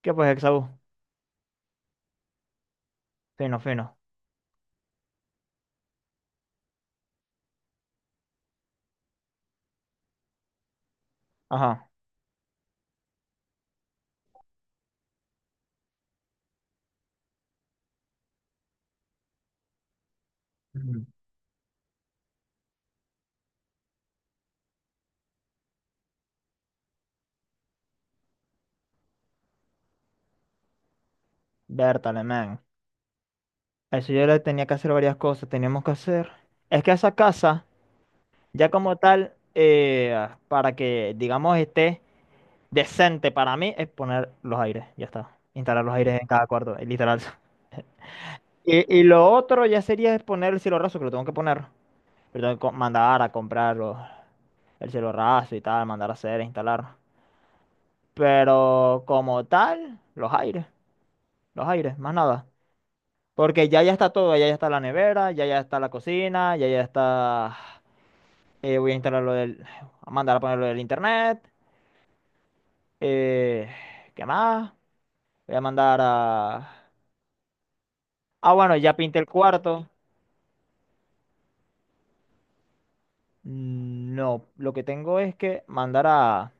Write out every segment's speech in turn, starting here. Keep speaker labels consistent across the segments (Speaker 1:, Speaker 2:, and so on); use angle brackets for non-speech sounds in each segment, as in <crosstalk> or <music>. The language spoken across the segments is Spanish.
Speaker 1: ¿Qué pues, Exaú? Fino, fino. Ajá. Ujú. Vértale, man. A eso yo le tenía que hacer varias cosas. Teníamos que hacer. Es que esa casa, ya como tal, para que, digamos, esté decente para mí, es poner los aires. Ya está. Instalar los aires en cada cuarto, literal. <laughs> Y lo otro ya sería es poner el cielo raso, que lo tengo que poner. Pero tengo que mandar a comprar el cielo raso y tal, mandar a hacer, instalar. Pero como tal, los aires. Los aires, más nada. Porque ya está todo, ya está la nevera, ya está la cocina, ya está... voy a instalar lo del... A mandar a poner lo del internet. eh, ¿Qué más? Voy a mandar a... Ah, bueno, ya pinté el cuarto. No, lo que tengo es que mandar a...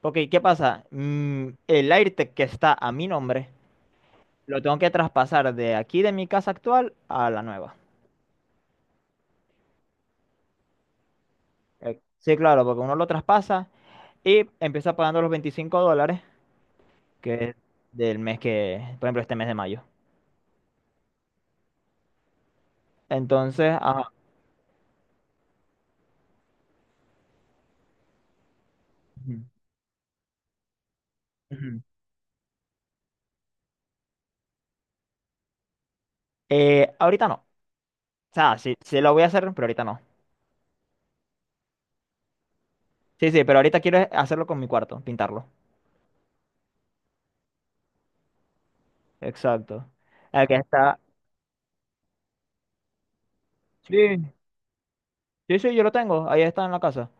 Speaker 1: Porque, ¿qué pasa? El AirTag que está a mi nombre, lo tengo que traspasar de aquí de mi casa actual a la nueva. Sí, claro, porque uno lo traspasa y empieza pagando los $25 que es del mes que, por ejemplo, este mes de mayo. Entonces, ajá. Ujú, ujú. Ahorita no. O sea, sí, sí lo voy a hacer, pero ahorita no. Sí, sí, pero ahorita quiero hacerlo con mi cuarto, pintarlo. Exacto. El que está. Sí, sí, sí, yo lo tengo. Ahí está en la casa.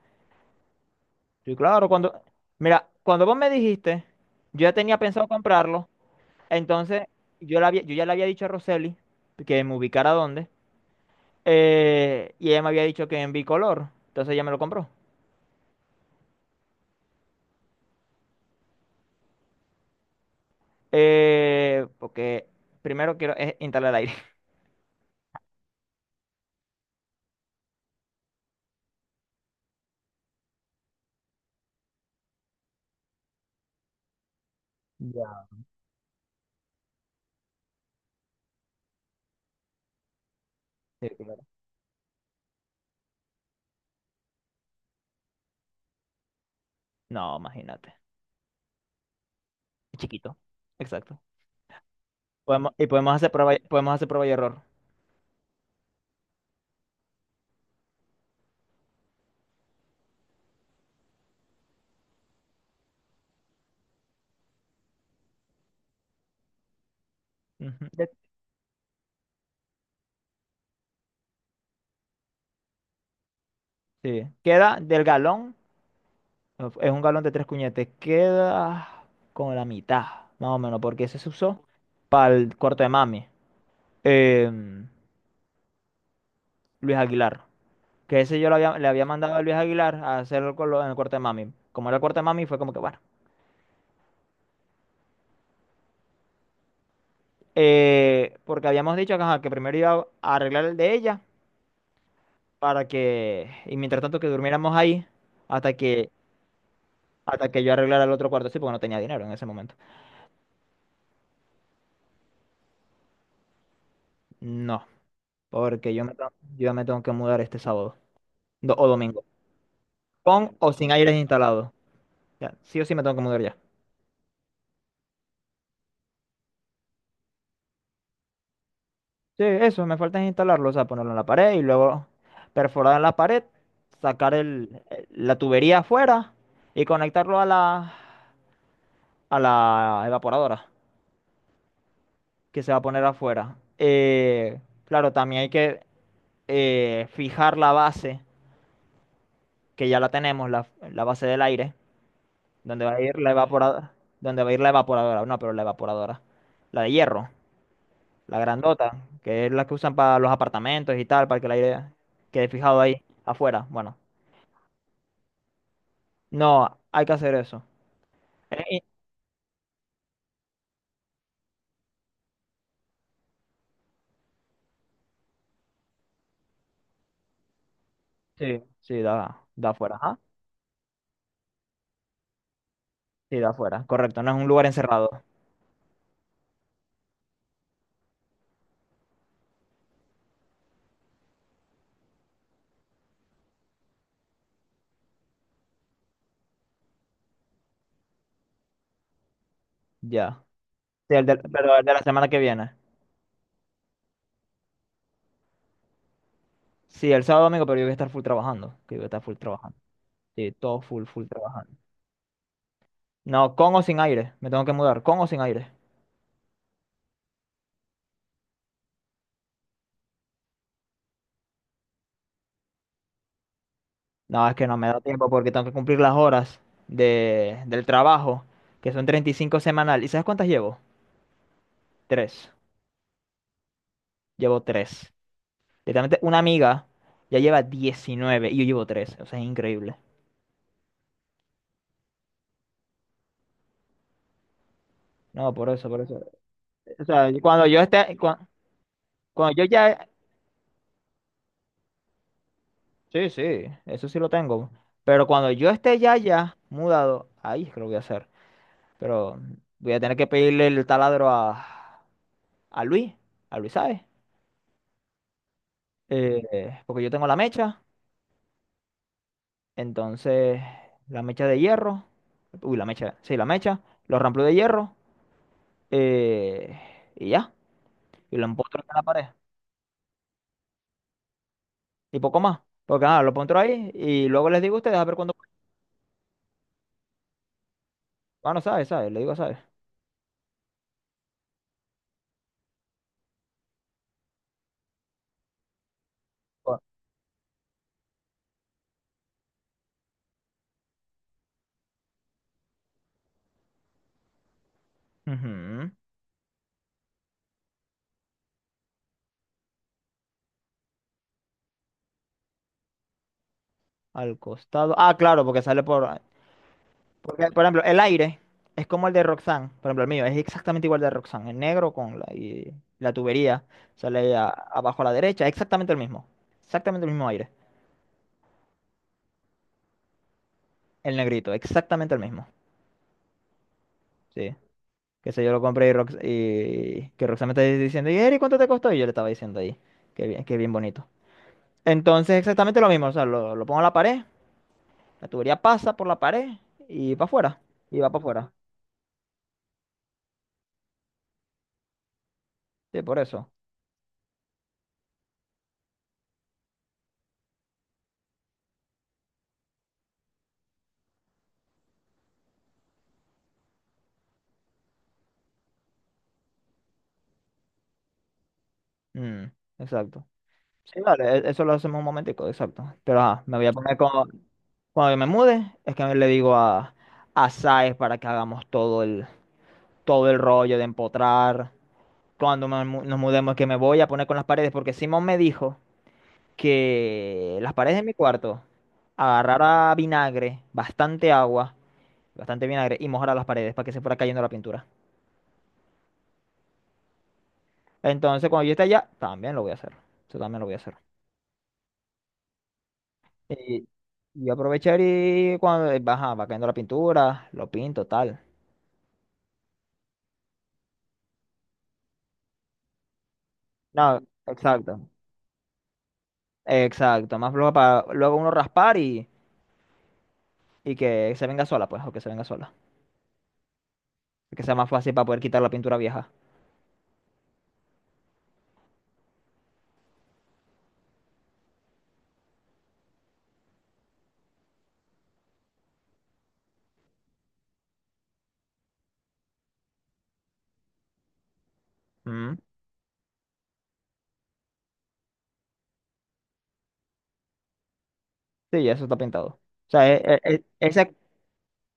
Speaker 1: Sí, claro, cuando. Mira, cuando vos me dijiste, yo ya tenía pensado comprarlo. Entonces, yo ya le había dicho a Roseli que me ubicara dónde. Y ella me había dicho que en bicolor. Entonces ella me lo compró. Porque primero quiero es instalar aire. <laughs> Ya. Sí, claro. No, imagínate. Es chiquito. Exacto. Podemos, y podemos hacer prueba, y- podemos hacer prueba y error. Ujú. Sí. Queda del galón. Es un galón de tres cuñetes. Queda como la mitad, más o menos, porque ese se usó para el cuarto de mami. em, Luis Aguilar. Que ese le había mandado a Luis Aguilar a hacerlo en el cuarto de mami. Como era el cuarto de mami, fue como que bueno. Porque habíamos dicho que, ajá, que primero iba a arreglar el de ella para que, y mientras tanto que durmiéramos ahí hasta que, hasta que, yo arreglara el otro cuarto, sí, porque no tenía dinero en ese momento. No, porque yo me tengo que mudar este sábado o domingo, con o sin aires instalados. Ya, sí o sí me tengo que mudar ya. Sí, eso, me falta es instalarlo, o sea, ponerlo en la pared y luego perforar en la pared, sacar el, la tubería afuera y conectarlo a la evaporadora. Que se va a poner afuera. Claro, también hay que fijar la base, que ya la tenemos, la base del aire, donde va a ir la evaporadora, donde va a ir la evaporadora, no, pero la evaporadora, la de hierro, la grandota, que es la que usan para los apartamentos y tal, para que el aire quede fijado ahí afuera. Bueno, no, hay que hacer eso. Eh, y- sí, sí, da afuera, ajá. Sí, da afuera, correcto, no es un lugar encerrado, ya. Sí, pero el de la semana que viene. Sí, el sábado domingo, pero yo voy a estar full trabajando. Que yo voy a estar full trabajando. Sí, todo full, full trabajando. No, con o sin aire. Me tengo que mudar. ¿Con o sin aire? No, es que no me da tiempo porque tengo que cumplir las horas del trabajo, que son 35 semanal. ¿Y sabes cuántas llevo? Tres. Llevo tres. Literalmente una amiga ya lleva 19 y yo llevo tres. O sea, es increíble. No, por eso, por eso. O sea, y cuando yo esté, cuando, yo ya... Sí, sí, eso sí lo tengo. Pero cuando yo esté ya mudado, ahí es que lo voy a hacer. Pero voy a tener que pedirle el taladro a Luis, a Luis, ¿sabes? Porque yo tengo la mecha, entonces la mecha de hierro, uy, la mecha, sí, la mecha, los ramplos de hierro, eh, y ya, y lo empotro en la pared, y poco más, porque nada, lo empotro ahí, y luego les digo a ustedes a ver cuándo, bueno, ¿sabes? ¿Sabes? Le digo, ¿sabes? Bueno. Ujú. Al costado, ah, claro, porque sale por, porque, por ejemplo, el aire es como el de Roxanne. Por ejemplo, el mío es exactamente igual al de Roxanne. El negro con la, y la tubería sale abajo a la derecha. Exactamente el mismo. Exactamente el mismo aire. El negrito, exactamente el mismo. Sí. Que sé yo lo compré y, y que Roxanne me está diciendo, ¿y Eri, cuánto te costó? Y yo le estaba diciendo ahí. Qué bien bonito. Entonces, exactamente lo mismo. O sea, lo pongo a la pared. La tubería pasa por la pared y va afuera. Y va para afuera. Sí, por eso. Mm, exacto. Sí, vale, eso lo hacemos un momentico, exacto. Pero ajá, me voy a poner con... Cuando yo me mude, es que le digo a Saez para que hagamos todo el rollo de empotrar. Cuando nos mudemos, que me voy a poner con las paredes, porque Simón me dijo que las paredes de mi cuarto agarrara vinagre, bastante agua, bastante vinagre, y mojara las paredes para que se fuera cayendo la pintura. Entonces, cuando yo esté allá, también lo voy a hacer. Eso también lo voy a hacer. Y, y aprovechar y cuando ajá, va cayendo la pintura, lo pinto, tal. No, exacto. Exacto. Más floja para luego uno raspar y que se venga sola, pues, o que se venga sola. Que sea más fácil para poder quitar la pintura vieja. Mm. Sí, ya eso está pintado. O sea, ese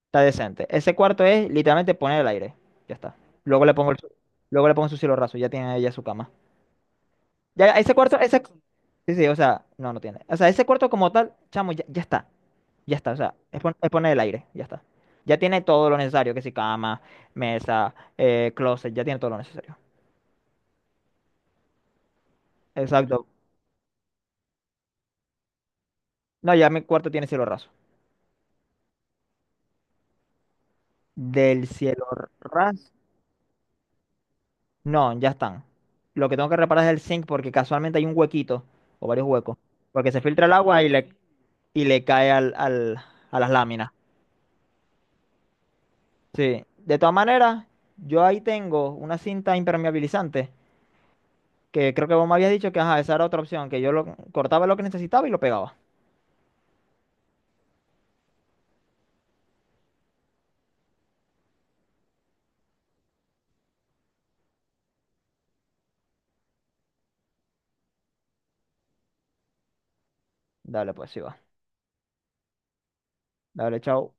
Speaker 1: está decente. Ese cuarto es literalmente poner el aire. Ya está. Luego le pongo el, su- luego le pongo su cielo raso, ya tiene ella su cama. Ya, ese cuarto, ese. Sí, sí, o sea, no, no tiene. O sea, ese cuarto como tal, chamo, ya, ya está. Ya está, o sea, es poner el aire, ya está. Ya tiene todo lo necesario, que si cama, mesa, closet, ya tiene todo lo necesario. Exacto. No, ya mi cuarto tiene cielo raso. Del cielo raso. No, ya están. Lo que tengo que reparar es el zinc porque casualmente hay un huequito o varios huecos. Porque se filtra el agua y le, cae al, a las láminas. Sí. De todas maneras, yo ahí tengo una cinta impermeabilizante que creo que vos me habías dicho que ajá, esa era otra opción, que yo lo cortaba lo que necesitaba y lo pegaba. Dale, pues sí va. Dale, chao.